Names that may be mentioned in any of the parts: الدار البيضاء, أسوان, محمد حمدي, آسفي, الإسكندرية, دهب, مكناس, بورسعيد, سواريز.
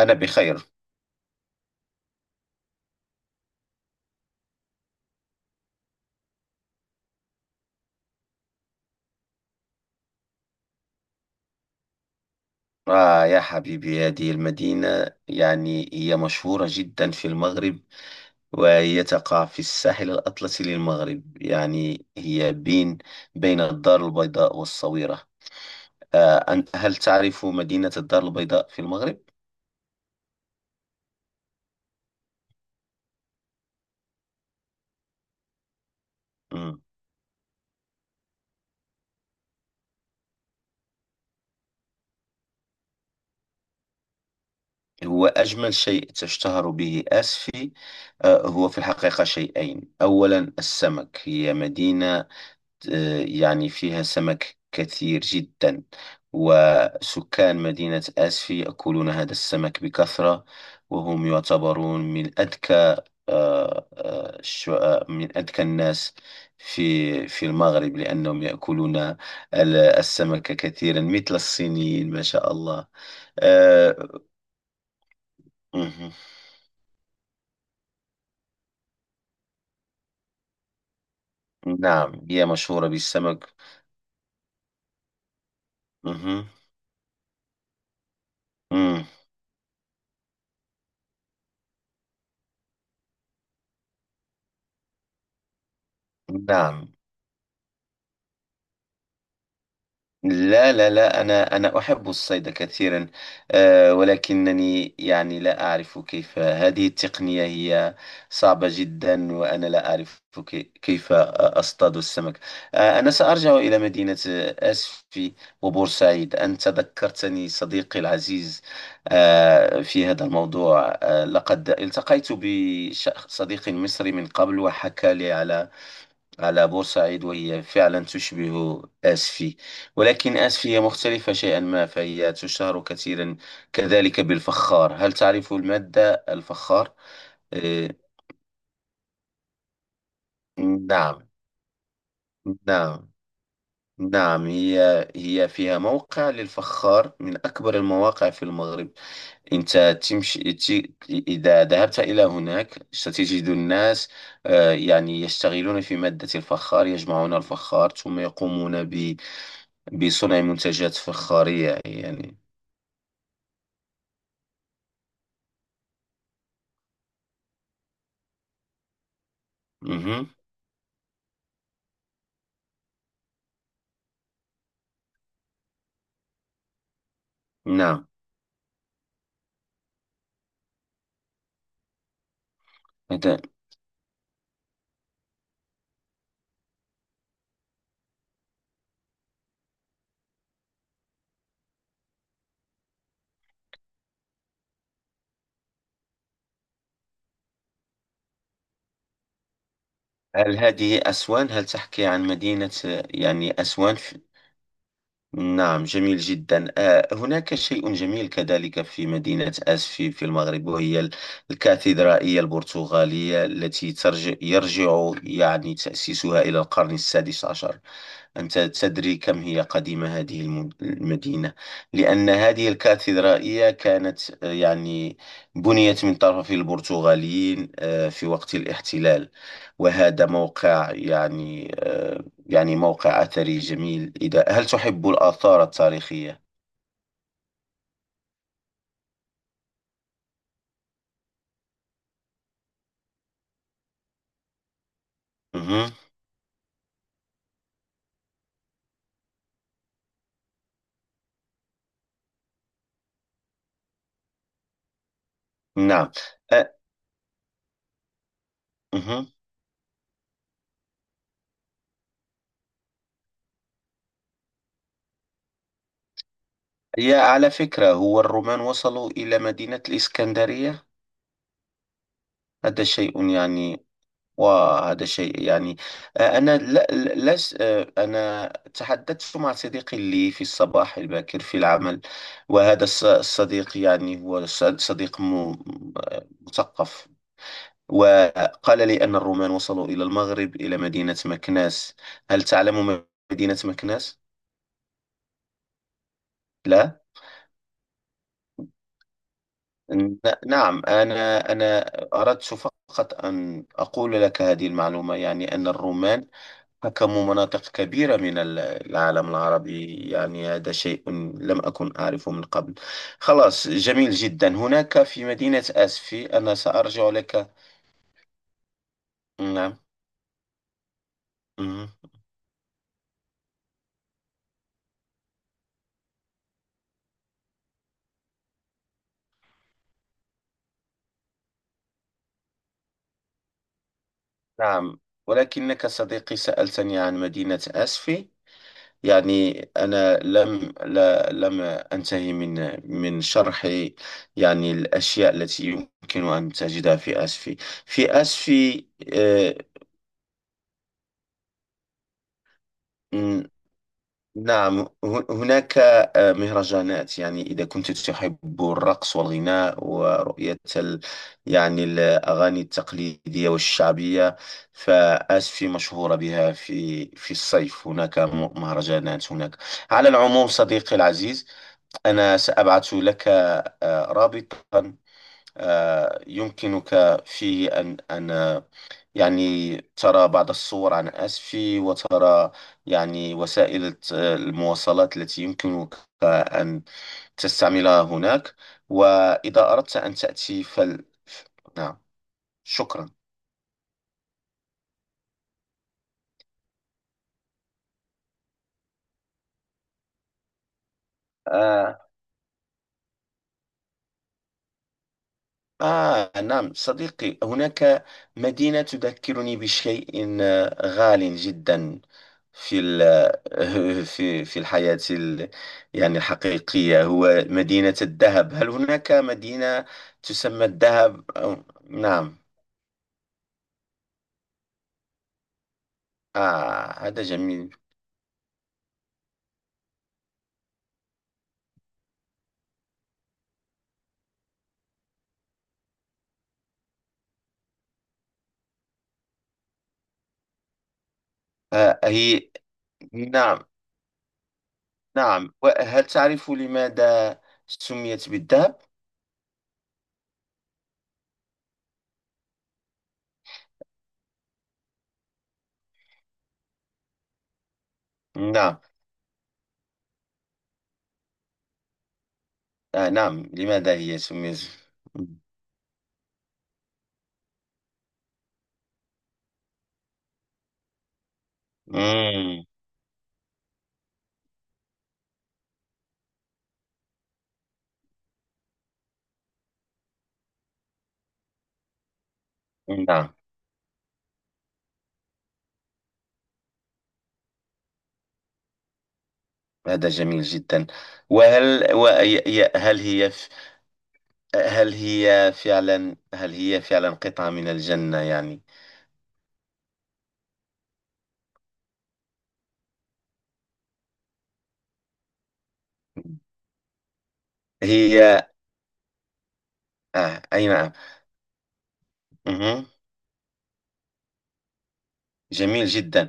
أنا بخير. آه يا حبيبي، هذه المدينة يعني هي مشهورة جدا في المغرب، وهي تقع في الساحل الأطلسي للمغرب، يعني هي بين الدار البيضاء والصويرة. هل تعرف مدينة الدار البيضاء في المغرب؟ مم. هو أجمل شيء تشتهر به آسفي؟ هو في الحقيقة شيئين، أولا السمك. هي مدينة، يعني فيها سمك كثير جدا، وسكان مدينة آسفي يأكلون هذا السمك بكثرة، وهم يعتبرون من أذكى، من أذكى الناس في المغرب، لأنهم يأكلون السمك كثيرا مثل الصينيين، ما شاء الله. آه، مهم. نعم هي مشهورة بالسمك. مهم. مم. نعم. لا، لا، لا، أنا أحب الصيد كثيرا. ولكنني يعني لا أعرف كيف، هذه التقنية هي صعبة جدا، وأنا لا أعرف كيف أصطاد السمك. أنا سأرجع إلى مدينة أسفي. وبورسعيد أنت ذكرتني صديقي العزيز في هذا الموضوع. لقد التقيت بصديق مصري من قبل، وحكى لي على بورسعيد، وهي فعلا تشبه آسفي، ولكن آسفي هي مختلفة شيئا ما، فهي تشتهر كثيرا كذلك بالفخار. هل تعرف المادة الفخار؟ آه، نعم. نعم. نعم هي فيها موقع للفخار من أكبر المواقع في المغرب. أنت تمشي، إذا ذهبت إلى هناك، ستجد الناس يعني يشتغلون في مادة الفخار، يجمعون الفخار، ثم يقومون بصنع منتجات فخارية، يعني. مهم. نعم. هذا- هل هذه أسوان؟ هل تحكي عن مدينة يعني أسوان في...؟ نعم، جميل جدا. هناك شيء جميل كذلك في مدينة أس في المغرب، وهي الكاتدرائية البرتغالية التي يرجع يعني تأسيسها إلى القرن السادس عشر. أنت تدري كم هي قديمة هذه المدينة، لأن هذه الكاتدرائية كانت، يعني بنيت من طرف البرتغاليين في وقت الاحتلال. وهذا موقع يعني، يعني موقع أثري جميل. إذا هل تحب الآثار التاريخية؟ مهم. نعم. أ- مهم. يا على فكرة، هو الرومان وصلوا إلى مدينة الإسكندرية؟ هذا شيء يعني. وهذا شيء يعني، أنا لا لا- لس آه، أنا تحدثت مع صديقي لي في الصباح الباكر في العمل. وهذا الصديق يعني هو صديق مثقف، وقال لي أن الرومان وصلوا إلى المغرب، إلى مدينة مكناس. هل تعلم مدينة مكناس؟ لا. ن- نعم، أنا أردت فقط أن أقول لك هذه المعلومة، يعني أن الرومان حكموا مناطق كبيرة من العالم العربي. يعني هذا شيء لم أكن أعرفه من قبل. خلاص، جميل جدا. هناك في مدينة أسفي أنا سأرجع لك. نعم. مهم. نعم، ولكنك صديقي سألتني عن مدينة أسفي، يعني أنا لم أنتهي من شرح، يعني الأشياء التي يمكن أن تجدها في أسفي. في أسفي، آه، نعم هناك مهرجانات، يعني إذا كنت تحب الرقص والغناء ورؤية ال... يعني الأغاني التقليدية والشعبية، فآسفي مشهورة بها. في الصيف هناك مهرجانات هناك. على العموم صديقي العزيز، أنا سأبعث لك رابطا، يمكنك فيه أن يعني ترى بعض الصور عن آسفي، وترى يعني وسائل المواصلات التي يمكنك أن تستعملها هناك. وإذا أردت أن تأتي فل... نعم. شكرا. آه، آه نعم صديقي، هناك مدينة تذكرني بشيء غال جدا في في الحياة يعني الحقيقية، هو مدينة الذهب. هل هناك مدينة تسمى الذهب نعم؟ آه هذا جميل. آه هي. نعم. نعم، وهل تعرف لماذا سميت بالذهب؟ نعم. آه نعم، لماذا هي سميت؟ مم، نعم. هذا جميل جدا. وهل وي- ي- هل هي ف- هل هي فعلا قطعة من الجنة يعني؟ هي. آه أي نعم. مهم. جميل جدا.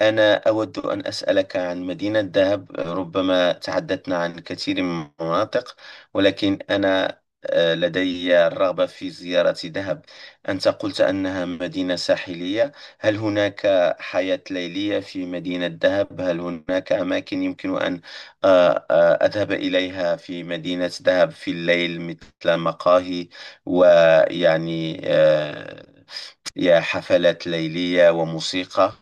أنا أود أن أسألك عن مدينة دهب. ربما تحدثنا عن كثير من المناطق، ولكن أنا لدي الرغبة في زيارة دهب. أنت قلت أنها مدينة ساحلية. هل هناك حياة ليلية في مدينة دهب؟ هل هناك أماكن يمكن أن أذهب إليها في مدينة دهب في الليل، مثل مقاهي، ويعني يا حفلات ليلية وموسيقى؟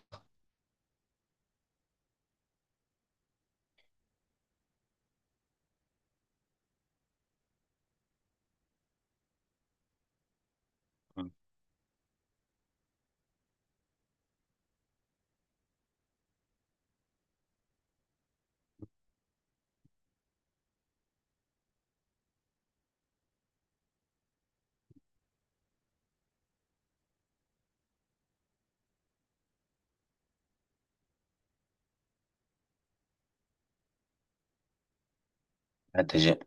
هذا ج...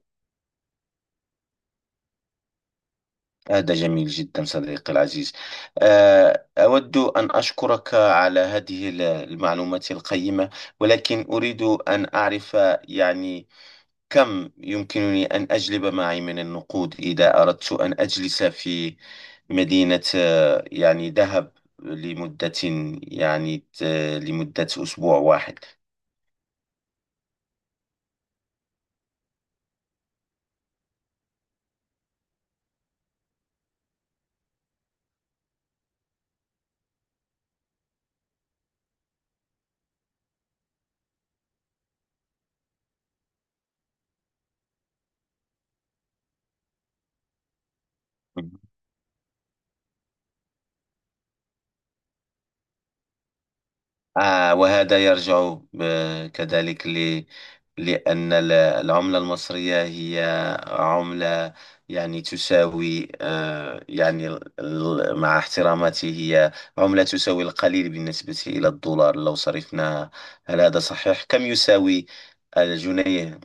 هذا جميل جدا صديقي العزيز. أود أن أشكرك على هذه المعلومات القيمة. ولكن أريد أن أعرف، يعني كم يمكنني أن أجلب معي من النقود إذا أردت أن أجلس في مدينة، يعني دهب، لمدة، يعني لمدة أسبوع واحد. وهذا يرجع كذلك ل... لأن العملة المصرية هي عملة، يعني تساوي يعني، مع احتراماتي، هي عملة تساوي القليل بالنسبة إلى الدولار لو صرفناها. هل هذا صحيح؟ كم يساوي الجنيه؟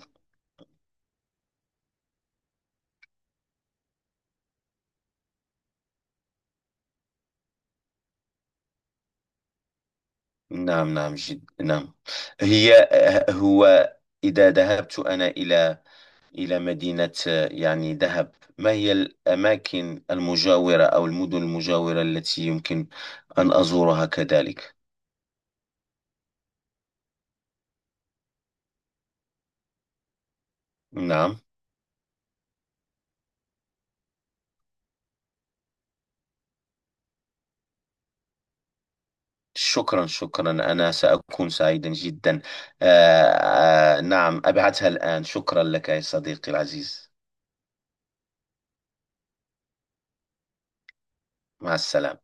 نعم، نعم، نعم. هي هو، إذا ذهبت أنا إلى مدينة، يعني دهب، ما هي الأماكن المجاورة أو المدن المجاورة التي يمكن أن أزورها كذلك؟ نعم. شكرا، شكرا. أنا سأكون سعيدا جدا. آه آه نعم، أبعثها الآن. شكرا لك يا صديقي العزيز. مع السلامة.